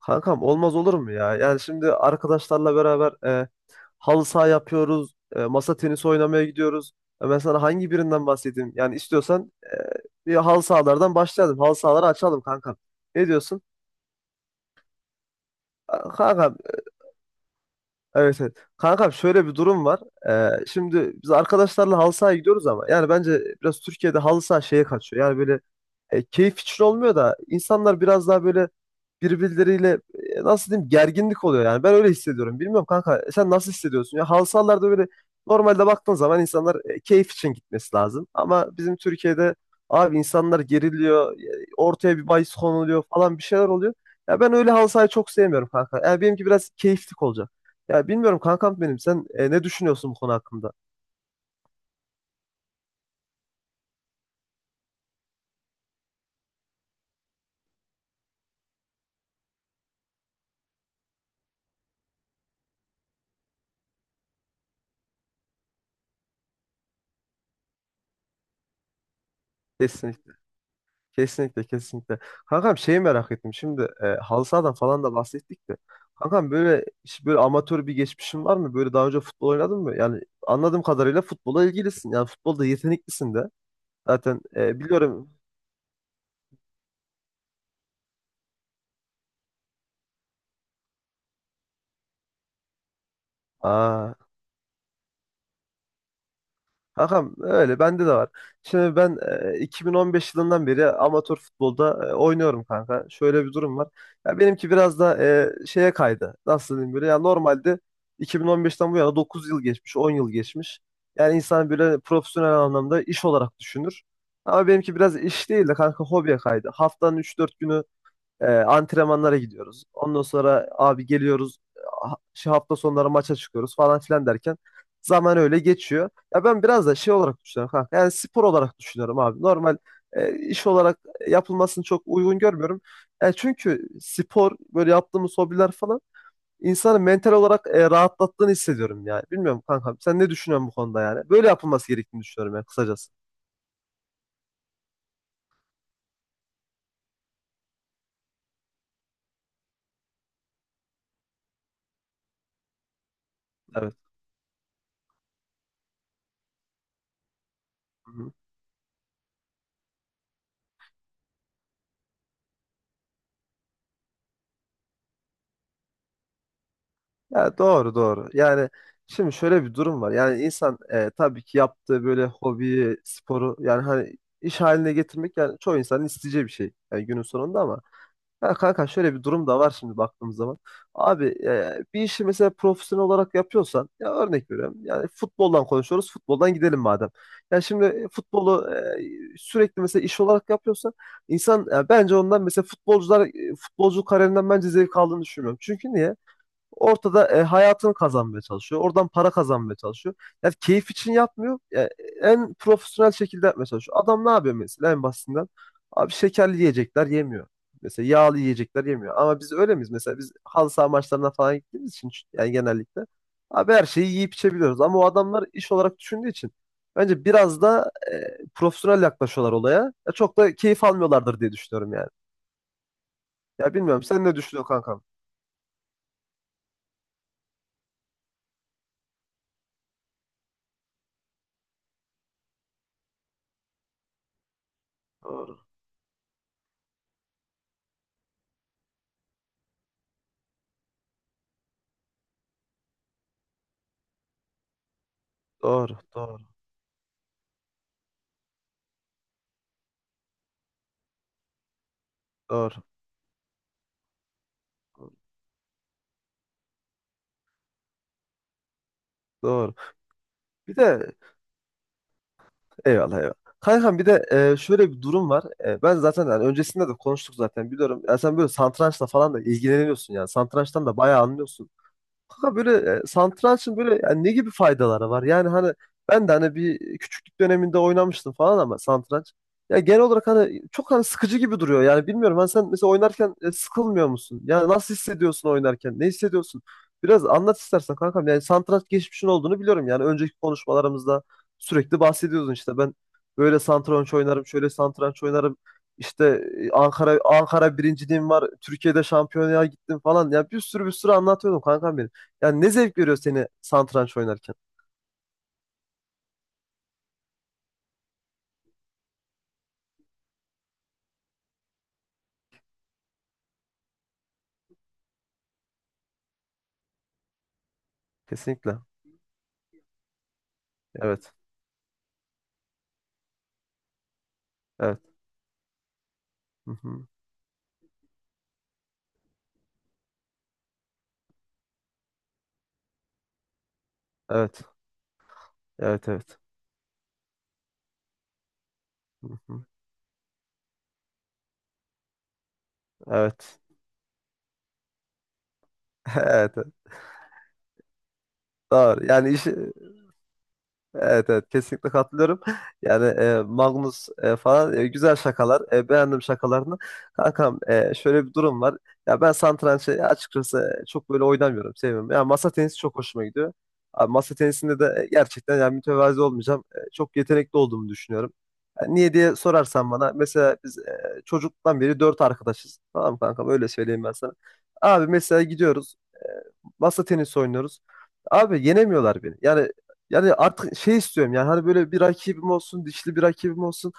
Kankam olmaz olur mu ya? Yani şimdi arkadaşlarla beraber halı saha yapıyoruz, masa tenisi oynamaya gidiyoruz. Ben sana hangi birinden bahsedeyim? Yani istiyorsan bir halı sahalardan başlayalım. Halı sahaları açalım kankam. Ne diyorsun? Kankam, evet evet. Kankam şöyle bir durum var. Şimdi biz arkadaşlarla halı sahaya gidiyoruz ama yani bence biraz Türkiye'de halı saha şeye kaçıyor. Yani böyle keyif için olmuyor da insanlar biraz daha böyle birbirleriyle nasıl diyeyim gerginlik oluyor yani. Ben öyle hissediyorum. Bilmiyorum kanka sen nasıl hissediyorsun? Ya halı sahalarda böyle normalde baktığın zaman insanlar keyif için gitmesi lazım. Ama bizim Türkiye'de abi insanlar geriliyor. Ortaya bir bahis konuluyor falan bir şeyler oluyor. Ya ben öyle halı sahayı çok sevmiyorum kanka. Yani benimki biraz keyiflik olacak. Ya bilmiyorum kankam benim sen ne düşünüyorsun bu konu hakkında? Kesinlikle. Kesinlikle kesinlikle. Kankam şeyi merak ettim. Şimdi halı sahadan falan da bahsettik de. Kankam böyle hiç böyle amatör bir geçmişin var mı? Böyle daha önce futbol oynadın mı? Yani anladığım kadarıyla futbola ilgilisin. Yani futbolda yeteneklisin de. Zaten biliyorum. Aa, Hakan öyle bende de var. Şimdi ben 2015 yılından beri amatör futbolda oynuyorum kanka. Şöyle bir durum var. Ya benimki biraz da şeye kaydı. Nasıl diyeyim böyle ya normalde 2015'ten bu yana 9 yıl geçmiş, 10 yıl geçmiş. Yani insan böyle profesyonel anlamda iş olarak düşünür. Ama benimki biraz iş değil de kanka hobiye kaydı. Haftanın 3 4 günü antrenmanlara gidiyoruz. Ondan sonra abi geliyoruz. Şu hafta sonları maça çıkıyoruz falan filan derken zaman öyle geçiyor. Ya ben biraz da şey olarak düşünüyorum kanka. Yani spor olarak düşünüyorum abi. Normal iş olarak yapılmasını çok uygun görmüyorum. Yani çünkü spor böyle yaptığımız hobiler falan insanı mental olarak rahatlattığını hissediyorum yani. Bilmiyorum kankam sen ne düşünüyorsun bu konuda yani? Böyle yapılması gerektiğini düşünüyorum yani kısacası. Evet. Ya doğru doğru. Yani şimdi şöyle bir durum var. Yani insan tabii ki yaptığı böyle hobiyi, sporu yani hani iş haline getirmek yani çoğu insanın isteyeceği bir şey. Yani günün sonunda ama ya kanka şöyle bir durum da var şimdi baktığımız zaman. Abi bir işi mesela profesyonel olarak yapıyorsan ya örnek veriyorum. Yani futboldan konuşuyoruz. Futboldan gidelim madem. Ya şimdi futbolu sürekli mesela iş olarak yapıyorsan insan ya bence ondan mesela futbolcular futbolcu kariyerinden bence zevk aldığını düşünmüyorum. Çünkü niye? Ortada hayatını kazanmaya çalışıyor. Oradan para kazanmaya çalışıyor. Yani keyif için yapmıyor. Yani en profesyonel şekilde yapmaya çalışıyor. Adam ne yapıyor mesela en basitinden? Abi şekerli yiyecekler yemiyor. Mesela yağlı yiyecekler yemiyor. Ama biz öyle miyiz? Mesela biz halı saha maçlarına falan gittiğimiz için yani genellikle abi her şeyi yiyip içebiliyoruz. Ama o adamlar iş olarak düşündüğü için bence biraz da profesyonel yaklaşıyorlar olaya. Ya çok da keyif almıyorlardır diye düşünüyorum yani. Ya bilmiyorum sen ne düşünüyorsun kankam? Doğru, doğru, doğru, doğru. Doğru. Bir de eyvallah eyvallah. Kankam bir de şöyle bir durum var. Ben zaten yani öncesinde de konuştuk zaten biliyorum. Ya sen böyle satrançla falan da ilgileniyorsun yani. Satrançtan da bayağı anlıyorsun. Kanka böyle satrançın böyle yani ne gibi faydaları var? Yani hani ben de hani bir küçüklük döneminde oynamıştım falan ama satranç. Ya genel olarak hani çok hani sıkıcı gibi duruyor. Yani bilmiyorum hani sen mesela oynarken sıkılmıyor musun? Yani nasıl hissediyorsun oynarken? Ne hissediyorsun? Biraz anlat istersen kankam. Yani satranç geçmişin olduğunu biliyorum. Yani önceki konuşmalarımızda sürekli bahsediyordun işte ben böyle satranç oynarım, şöyle satranç oynarım. İşte Ankara birinciliğim var. Türkiye'de şampiyonaya gittim falan. Ya bir sürü bir sürü anlatıyordum kankam benim. Yani ne zevk veriyor seni satranç oynarken? Kesinlikle. Evet. Evet. Hı hı. Evet. Evet. Evet. Hı hı. Evet. Evet. Doğru. Yani iş evet evet kesinlikle katılıyorum. Yani Magnus falan güzel şakalar. E, beğendim şakalarını. Kankam şöyle bir durum var. Ya ben satrançı açıkçası çok böyle oynamıyorum. Sevmiyorum. Ya masa tenisi çok hoşuma gidiyor. Abi, masa tenisinde de gerçekten yani mütevazi olmayacağım. Çok yetenekli olduğumu düşünüyorum. Yani niye diye sorarsan bana mesela biz çocuktan beri dört arkadaşız. Tamam kankam öyle söyleyeyim ben sana. Abi mesela gidiyoruz masa tenisi oynuyoruz. Abi yenemiyorlar beni. Yani yani artık şey istiyorum yani hani böyle bir rakibim olsun, dişli bir rakibim olsun.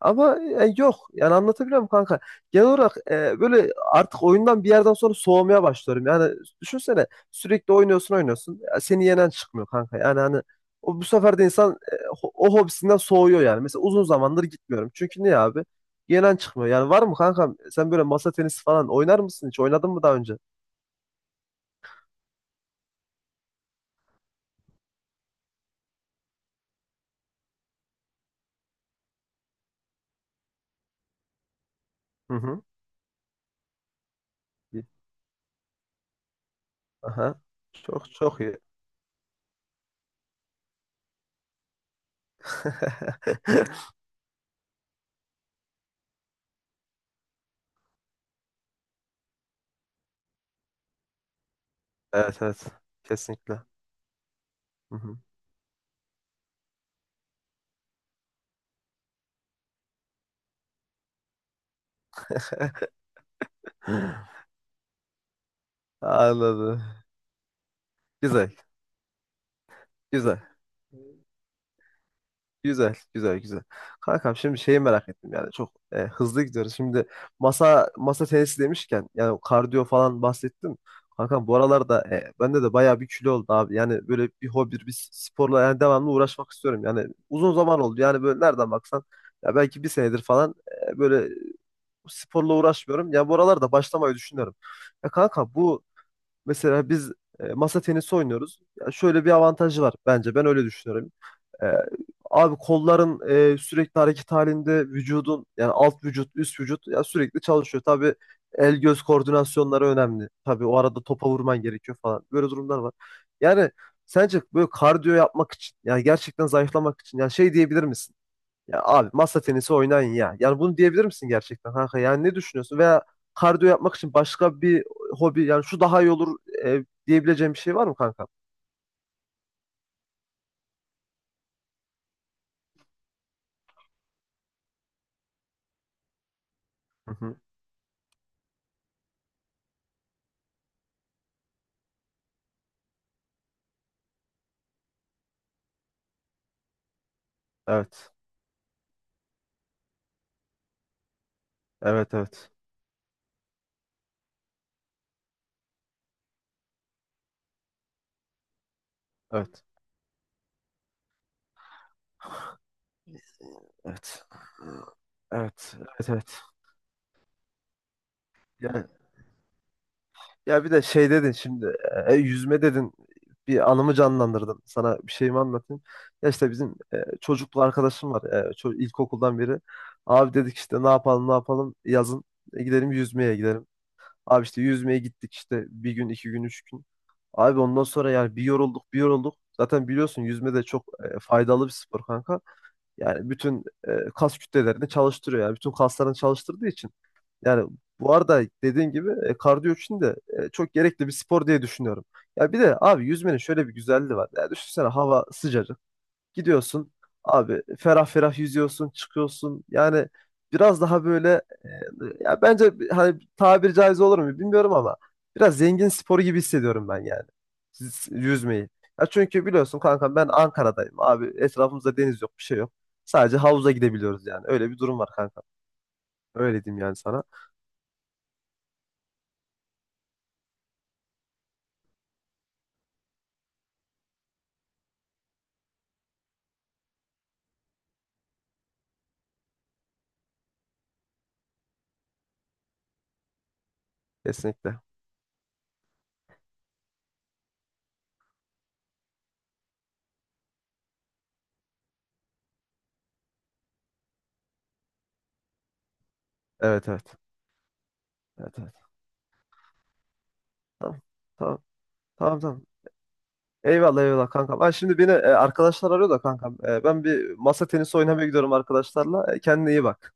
Ama yok. Yani anlatabiliyor muyum kanka? Genel olarak böyle artık oyundan bir yerden sonra soğumaya başlıyorum. Yani düşünsene sürekli oynuyorsun oynuyorsun. Ya seni yenen çıkmıyor kanka. Yani hani o, bu sefer de insan o hobisinden soğuyor yani. Mesela uzun zamandır gitmiyorum. Çünkü niye abi? Yenen çıkmıyor. Yani var mı kankam sen böyle masa tenisi falan oynar mısın hiç? Oynadın mı daha önce? Hı hı. Aha. Çok çok iyi. Evet evet. Kesinlikle. Hı hı. Anladım. Güzel. Güzel. Güzel, güzel, güzel. Kankam şimdi şeyi merak ettim yani çok hızlı gidiyoruz. Şimdi masa tenisi demişken yani kardiyo falan bahsettim. Kankam bu aralarda bende de bayağı bir kilo oldu abi. Yani böyle bir hobi, bir sporla yani devamlı uğraşmak istiyorum. Yani uzun zaman oldu. Yani böyle nereden baksan ya belki bir senedir falan böyle sporla uğraşmıyorum. Ya bu aralarda başlamayı düşünüyorum. Ya kanka bu mesela biz masa tenisi oynuyoruz. Ya şöyle bir avantajı var bence. Ben öyle düşünüyorum. E, abi kolların sürekli hareket halinde vücudun yani alt vücut, üst vücut ya sürekli çalışıyor. Tabii el göz koordinasyonları önemli. Tabii o arada topa vurman gerekiyor falan. Böyle durumlar var. Yani sence böyle kardiyo yapmak için yani gerçekten zayıflamak için yani şey diyebilir misin? Ya abi masa tenisi oynayın ya. Yani bunu diyebilir misin gerçekten kanka? Yani ne düşünüyorsun? Veya kardiyo yapmak için başka bir hobi yani şu daha iyi olur diyebileceğim bir şey var mı kanka? Hı hı. Evet. Evet evet. Evet. Evet. Evet. Evet evet. Yani, ya bir de şey dedin şimdi yüzme dedin bir anımı canlandırdın. Sana bir şeyimi anlatayım. Ya işte bizim çocuklu arkadaşım var. İlkokuldan beri. Abi dedik işte ne yapalım ne yapalım yazın gidelim yüzmeye gidelim. Abi işte yüzmeye gittik işte bir gün, 2 gün, 3 gün. Abi ondan sonra yani bir yorulduk, bir yorulduk. Zaten biliyorsun yüzme de çok faydalı bir spor kanka. Yani bütün kas kütlelerini çalıştırıyor yani. Bütün kaslarını çalıştırdığı için. Yani bu arada dediğin gibi kardiyo için de çok gerekli bir spor diye düşünüyorum. Ya bir de abi yüzmenin şöyle bir güzelliği var. Ya düşünsene hava sıcacık. Gidiyorsun abi ferah ferah yüzüyorsun, çıkıyorsun. Yani biraz daha böyle ya bence hani tabiri caiz olur mu bilmiyorum ama biraz zengin sporu gibi hissediyorum ben yani yüzmeyi. Ya çünkü biliyorsun kankam ben Ankara'dayım abi etrafımızda deniz yok bir şey yok. Sadece havuza gidebiliyoruz yani. Öyle bir durum var kankam. Öyle diyeyim yani sana. Kesinlikle. Evet evet. Evet evet. Tamam. Tamam. Tamam tamam. Eyvallah eyvallah kankam. Ha, şimdi beni arkadaşlar arıyor da kankam. Ben bir masa tenisi oynamaya gidiyorum arkadaşlarla. Kendine iyi bak.